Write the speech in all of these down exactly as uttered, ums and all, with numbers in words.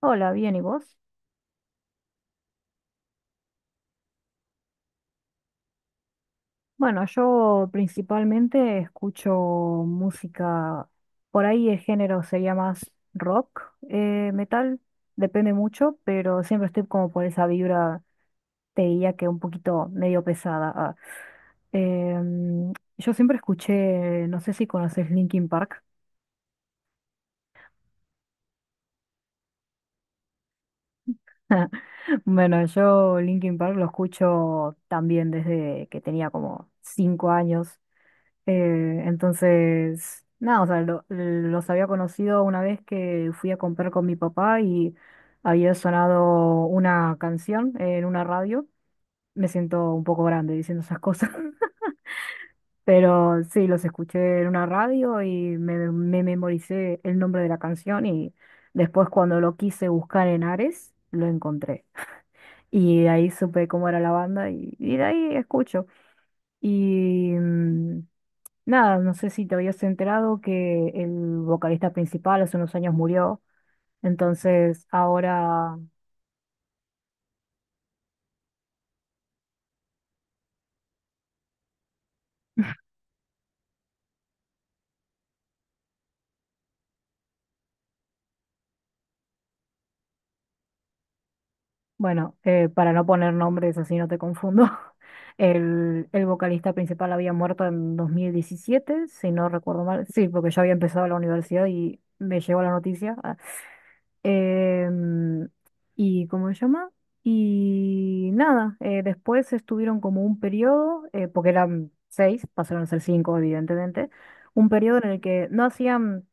Hola, bien, ¿y vos? Bueno, yo principalmente escucho música, por ahí el género sería más rock, eh, metal, depende mucho, pero siempre estoy como por esa vibra, te diría que un poquito medio pesada. Ah. Em, yo siempre escuché, no sé si conoces Linkin Park. Bueno, yo Linkin Park lo escucho también desde que tenía como cinco años. Eh, entonces, nada, o sea, lo- los había conocido una vez que fui a comprar con mi papá y había sonado una canción en una radio. Me siento un poco grande diciendo esas cosas. Pero sí, los escuché en una radio y me, me memoricé el nombre de la canción y después cuando lo quise buscar en Ares, lo encontré. Y de ahí supe cómo era la banda y, y de ahí escucho. Y... mm, Nada, no sé si te habías enterado que el vocalista principal hace unos años murió, entonces ahora, bueno, eh, para no poner nombres así no te confundo. el, el, vocalista principal había muerto en dos mil diecisiete si no recuerdo mal, sí, porque yo había empezado la universidad y me llegó la noticia. Em, y cómo se llama. Y nada, eh, después estuvieron como un periodo, eh, porque eran seis, pasaron a ser cinco evidentemente, un periodo en el que no hacían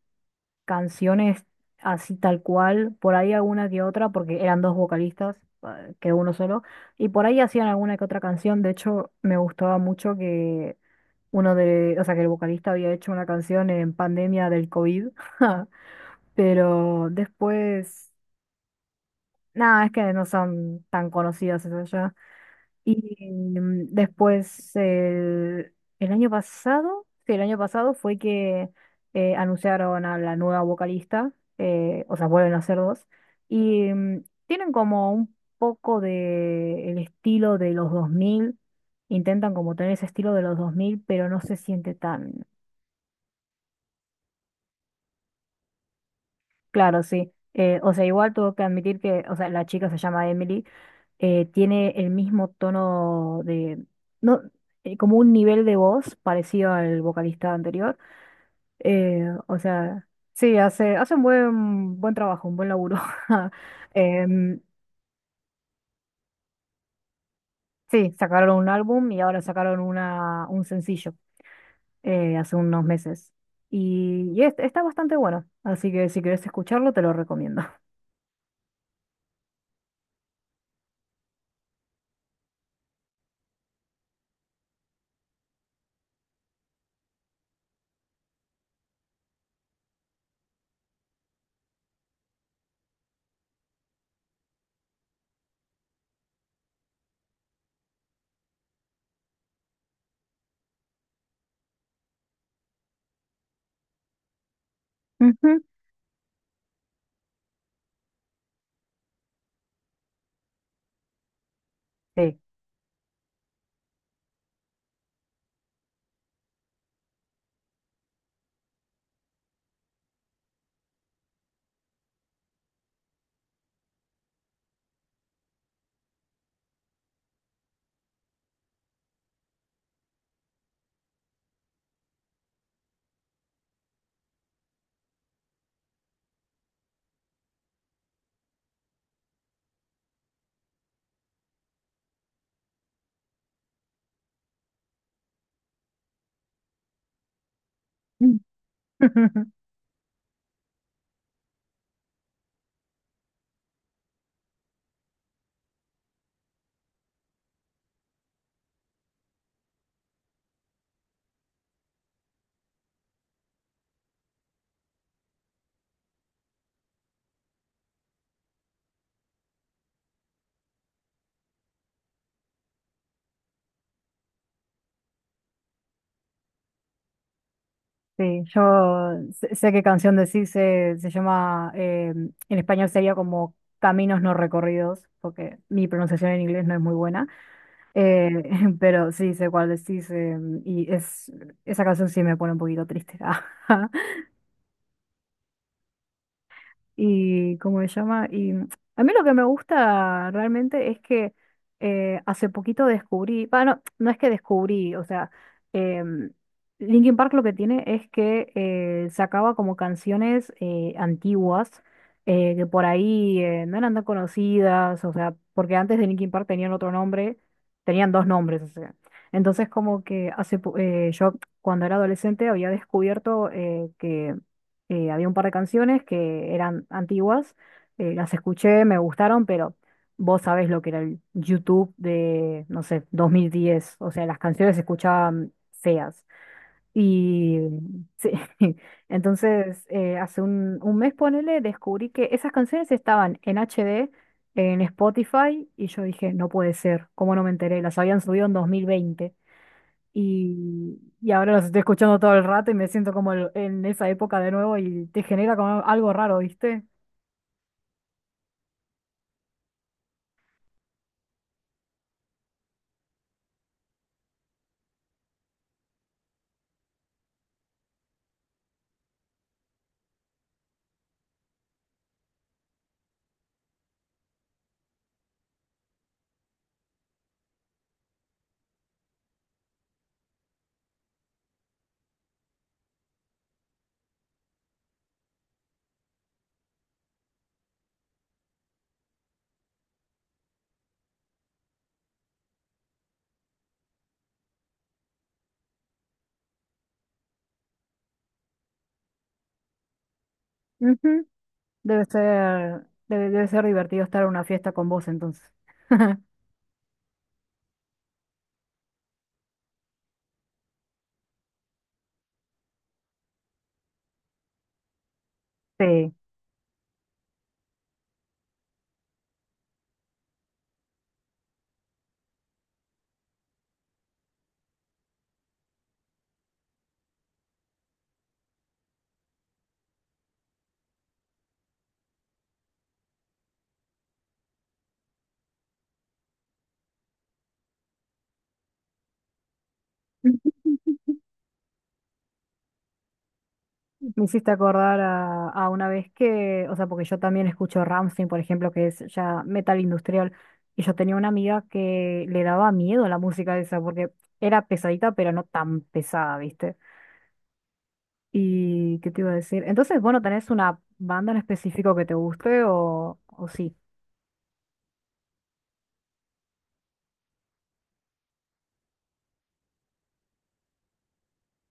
canciones así tal cual, por ahí alguna que otra, porque eran dos vocalistas, eh, que uno solo, y por ahí hacían alguna que otra canción. De hecho me gustaba mucho que uno de, o sea, que el vocalista había hecho una canción en pandemia del COVID. Pero después no, es que no son tan conocidas esas ya. Y mm, después, el, el año pasado, sí, el año pasado fue que eh, anunciaron a la nueva vocalista, eh, o sea, vuelven a ser dos, y mm, tienen como un poco de el estilo de los dos mil, intentan como tener ese estilo de los dos mil pero no se siente tan... Claro, sí. Eh, o sea, igual tuvo que admitir que, o sea, la chica se llama Emily, eh, tiene el mismo tono de, no, eh, como un nivel de voz parecido al vocalista anterior. Eh, o sea, sí, hace, hace un buen, buen trabajo, un buen laburo. Em, sí, sacaron un álbum y ahora sacaron una, un sencillo eh, hace unos meses. Y, y es- está bastante bueno, así que si querés escucharlo, te lo recomiendo. Ujú. Sí. Sí, yo sé, sé qué canción decís, se, se llama, eh, en español sería como Caminos no recorridos, porque mi pronunciación en inglés no es muy buena, eh, pero sí sé cuál decís, eh, y es, esa canción sí me pone un poquito triste. Y cómo se llama. Y a mí lo que me gusta realmente es que, eh, hace poquito descubrí, bueno, no no es que descubrí, o sea, em, Linkin Park lo que tiene es que eh, sacaba como canciones eh, antiguas, eh, que por ahí, eh, no eran tan conocidas, o sea, porque antes de Linkin Park tenían otro nombre, tenían dos nombres, o sea. Entonces como que hace, po- eh, yo cuando era adolescente había descubierto, eh, que, eh, había un par de canciones que eran antiguas, eh, las escuché, me gustaron, pero vos sabés lo que era el YouTube de, no sé, dos mil diez, o sea, las canciones se escuchaban feas. Y sí. Entonces, eh, hace un, un mes, ponele, descubrí que esas canciones estaban en H D, en Spotify, y yo dije, no puede ser, ¿cómo no me enteré? Las habían subido en dos mil veinte. Y, y ahora los estoy escuchando todo el rato y me siento como el- en esa época de nuevo y te genera como algo raro, ¿viste? Ujú. Debe ser, debe, debe ser divertido estar en una fiesta con vos entonces. Sí. Me hiciste acordar a, a una vez que, o sea, porque yo también escucho Rammstein, por ejemplo, que es ya metal industrial, y yo tenía una amiga que le daba miedo la música esa, porque era pesadita, pero no tan pesada, ¿viste? ¿Y qué te iba a decir? Entonces, bueno, ¿tenés una banda en específico que te guste o, o sí?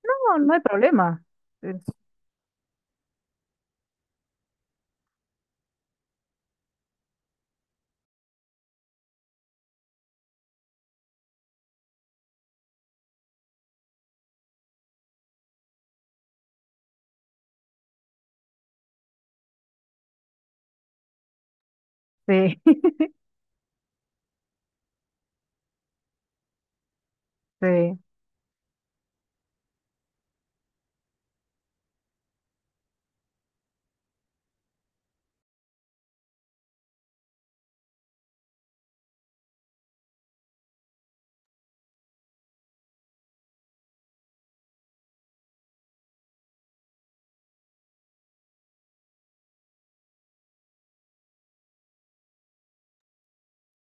No, no hay problema. Este, sí, sí,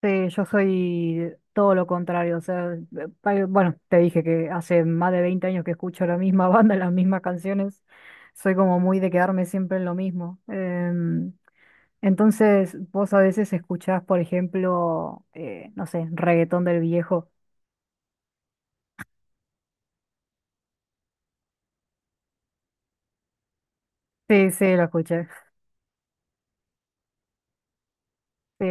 sí, yo soy todo lo contrario. O sea, eh, pa- bueno, te dije que hace más de veinte años que escucho la misma banda, las mismas canciones. Soy como muy de quedarme siempre en lo mismo. Em, entonces, vos a veces escuchás, por ejemplo, eh, no sé, reggaetón del viejo. Sí, sí, lo escuché. Sí.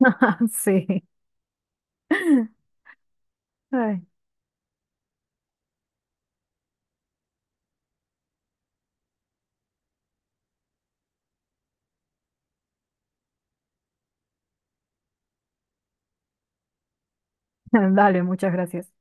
Sí. Ay. Dale, muchas gracias.